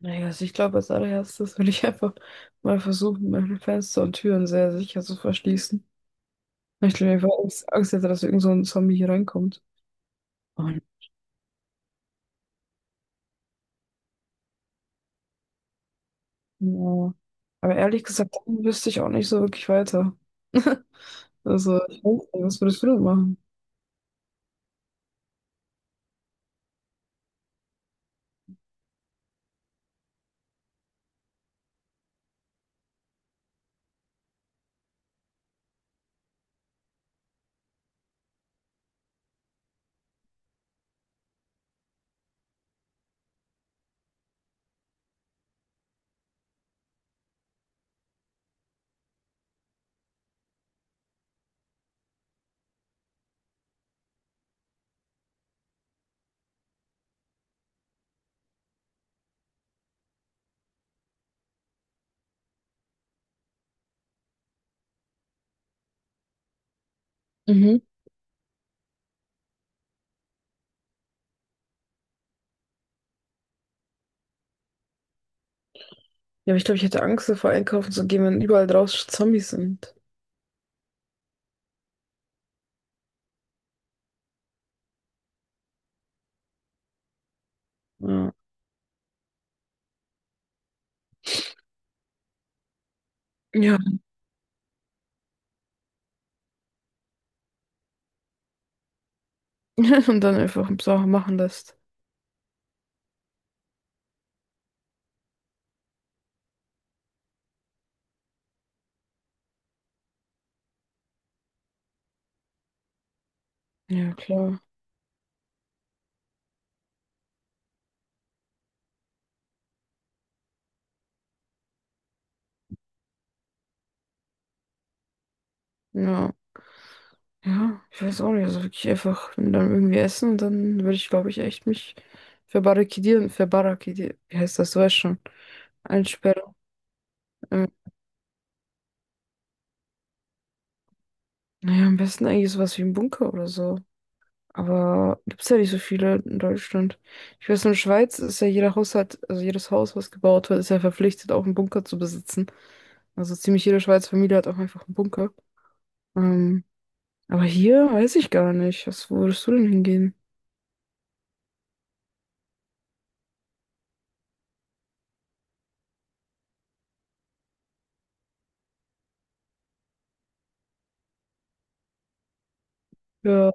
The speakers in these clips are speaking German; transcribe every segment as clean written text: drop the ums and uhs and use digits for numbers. Naja, also ich glaube, als allererstes würde ich einfach mal versuchen, meine Fenster und Türen sehr sicher zu verschließen. Ich glaube, ich war Angst hätte, dass irgend so ein Zombie hier reinkommt. Und, ja. Aber ehrlich gesagt, dann wüsste ich auch nicht so wirklich weiter. Also, ich weiß nicht, was würdest du denn machen? Mhm. Ja, aber ich glaube, ich hätte Angst davor, einkaufen zu gehen, wenn überall draußen Zombies sind. Ja. Ja. Und dann einfach Sachen machen lässt. Ja, klar. Ja. Ja, ich weiß auch nicht. Also wirklich einfach dann irgendwie essen und dann würde ich, glaube ich, echt mich verbarrikadieren. Wie heißt das? Du weißt schon. Einsperren. Ähm, naja, am besten eigentlich sowas wie ein Bunker oder so. Aber gibt's ja nicht so viele in Deutschland. Ich weiß, in der Schweiz ist ja jeder Haushalt, also jedes Haus, was gebaut wird, ist ja verpflichtet, auch einen Bunker zu besitzen. Also ziemlich jede Schweizer Familie hat auch einfach einen Bunker. Ähm, aber hier weiß ich gar nicht. Was, wo würdest du denn hingehen? Ja.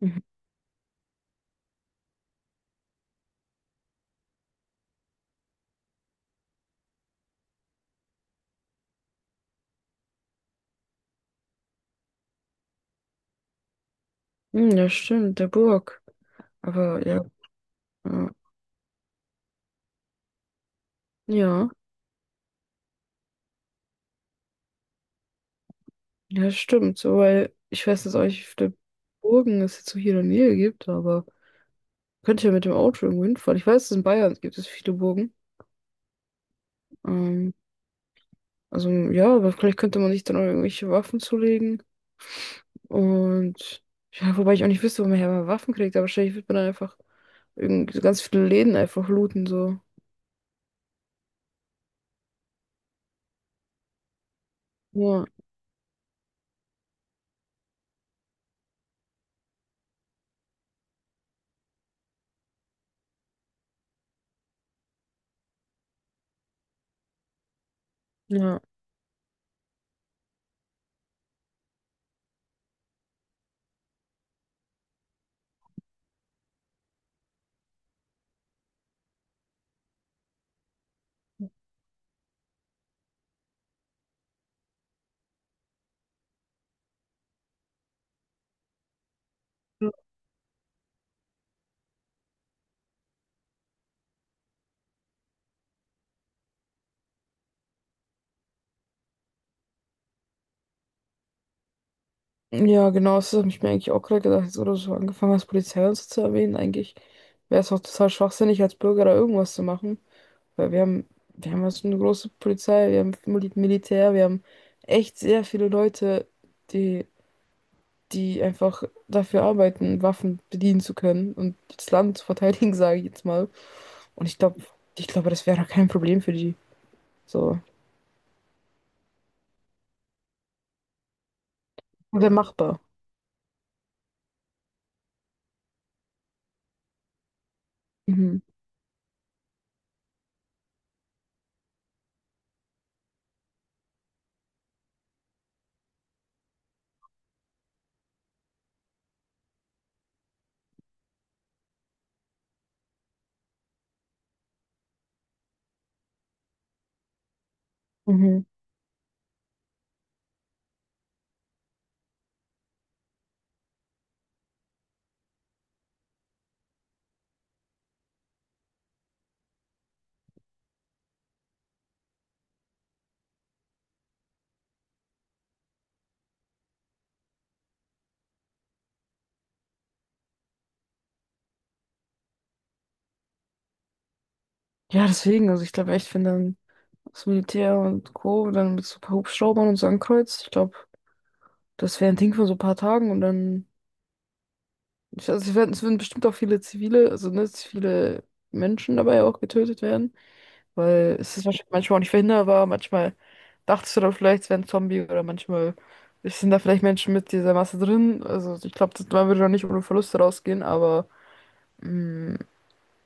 Mhm. Hm, ja, stimmt, der Burg. Aber ja, ja, ja, ja, stimmt. So, weil ich weiß jetzt auch nicht, wie viele Burgen es jetzt so hier in der Nähe gibt, aber könnte ja mit dem Auto irgendwo hinfahren. Ich weiß, dass in Bayern gibt es viele Burgen. Ähm, also ja, aber vielleicht könnte man sich dann auch irgendwelche Waffen zulegen. Und ja, wobei ich auch nicht wüsste, wo man her mal Waffen kriegt, aber wahrscheinlich wird man dann einfach irgend ganz viele Läden einfach looten, so. Ja, ja. Ja, genau, das habe ich mir eigentlich auch gerade gedacht, jetzt wo du so angefangen hast, Polizei und so zu erwähnen. Eigentlich wäre es auch total schwachsinnig, als Bürger da irgendwas zu machen, weil wir haben also eine große Polizei, wir haben Mil- Militär, wir haben echt sehr viele Leute, die, die einfach dafür arbeiten, Waffen bedienen zu können und das Land zu verteidigen, sage ich jetzt mal. Und ich glaube, das wäre doch kein Problem für die. So, wäre machbar. Mhm. Mhm. Ja, deswegen, also ich glaube echt, wenn dann das Militär und Co. dann mit so ein paar Hubschraubern und so ein Kreuz. Ich glaube, das wäre ein Ding von so ein paar Tagen und dann. Ich, also es würden bestimmt auch viele zivile, also ne, viele Menschen dabei auch getötet werden. Weil es ist wahrscheinlich manchmal auch nicht verhinderbar. Manchmal dachtest du da vielleicht, es wäre ein Zombie oder manchmal sind da vielleicht Menschen mit dieser Masse drin. Also ich glaube, man würde doch nicht ohne Verluste rausgehen, aber. Mm.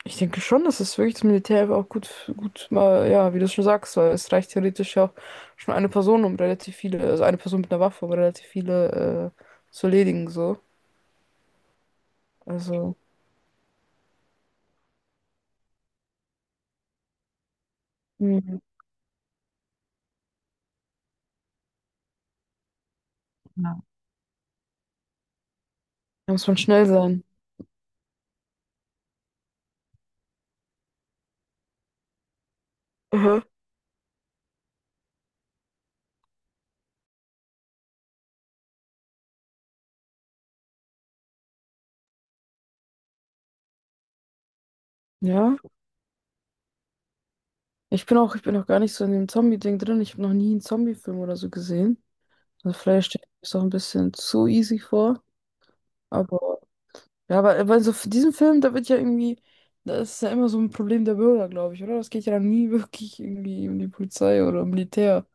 Ich denke schon, dass es wirklich das Militär auch gut, gut mal, ja, wie du schon sagst, weil es reicht theoretisch ja auch schon eine Person, um relativ viele, also eine Person mit einer Waffe, um relativ viele zu erledigen, so. Also, hm, ja. Da muss man schnell sein. Mhm. Ja, ich bin auch gar nicht so in dem Zombie-Ding drin. Ich habe noch nie einen Zombie-Film oder so gesehen. Also vielleicht stelle ich mir das auch ein bisschen zu easy vor, aber ja, aber bei so f- diesem Film, da wird ja irgendwie, das ist ja immer so ein Problem der Bürger, glaube ich, oder? Das geht ja dann nie wirklich irgendwie um die Polizei oder um Militär.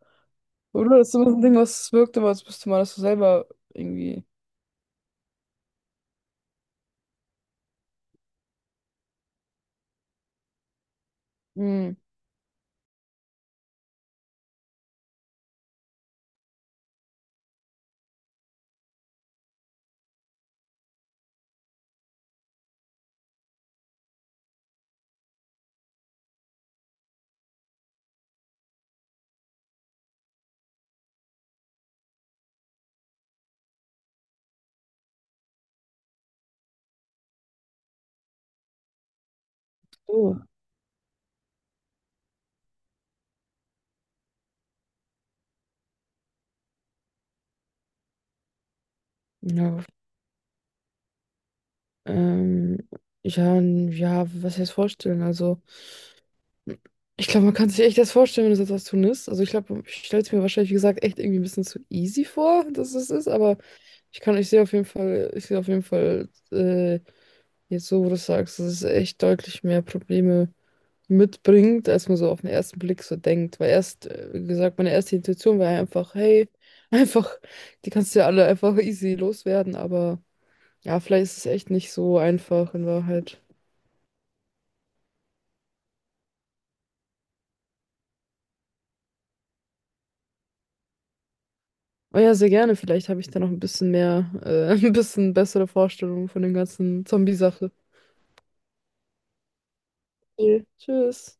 Oder? Das ist immer so ein Ding, was wirkt, aber als müsste man das so selber irgendwie. Hm. So. Ja, ähm, ja, n- ja, was heißt vorstellen? Also, ich glaube, man kann sich echt das vorstellen, wenn es etwas tun ist. Also, ich glaube, ich stelle es mir wahrscheinlich, wie gesagt, echt irgendwie ein bisschen zu easy vor, dass es ist, aber ich kann, ich sehe auf jeden Fall, ich sehe auf jeden Fall jetzt, so wo du sagst, dass es echt deutlich mehr Probleme mitbringt, als man so auf den ersten Blick so denkt. Weil erst, wie gesagt, meine erste Intuition war einfach, hey, einfach, die kannst du ja alle einfach easy loswerden, aber ja, vielleicht ist es echt nicht so einfach in Wahrheit. Oh ja, sehr gerne. Vielleicht habe ich da noch ein bisschen mehr, ein bisschen bessere Vorstellungen von dem ganzen Zombie-Sache. Okay, Tschüss.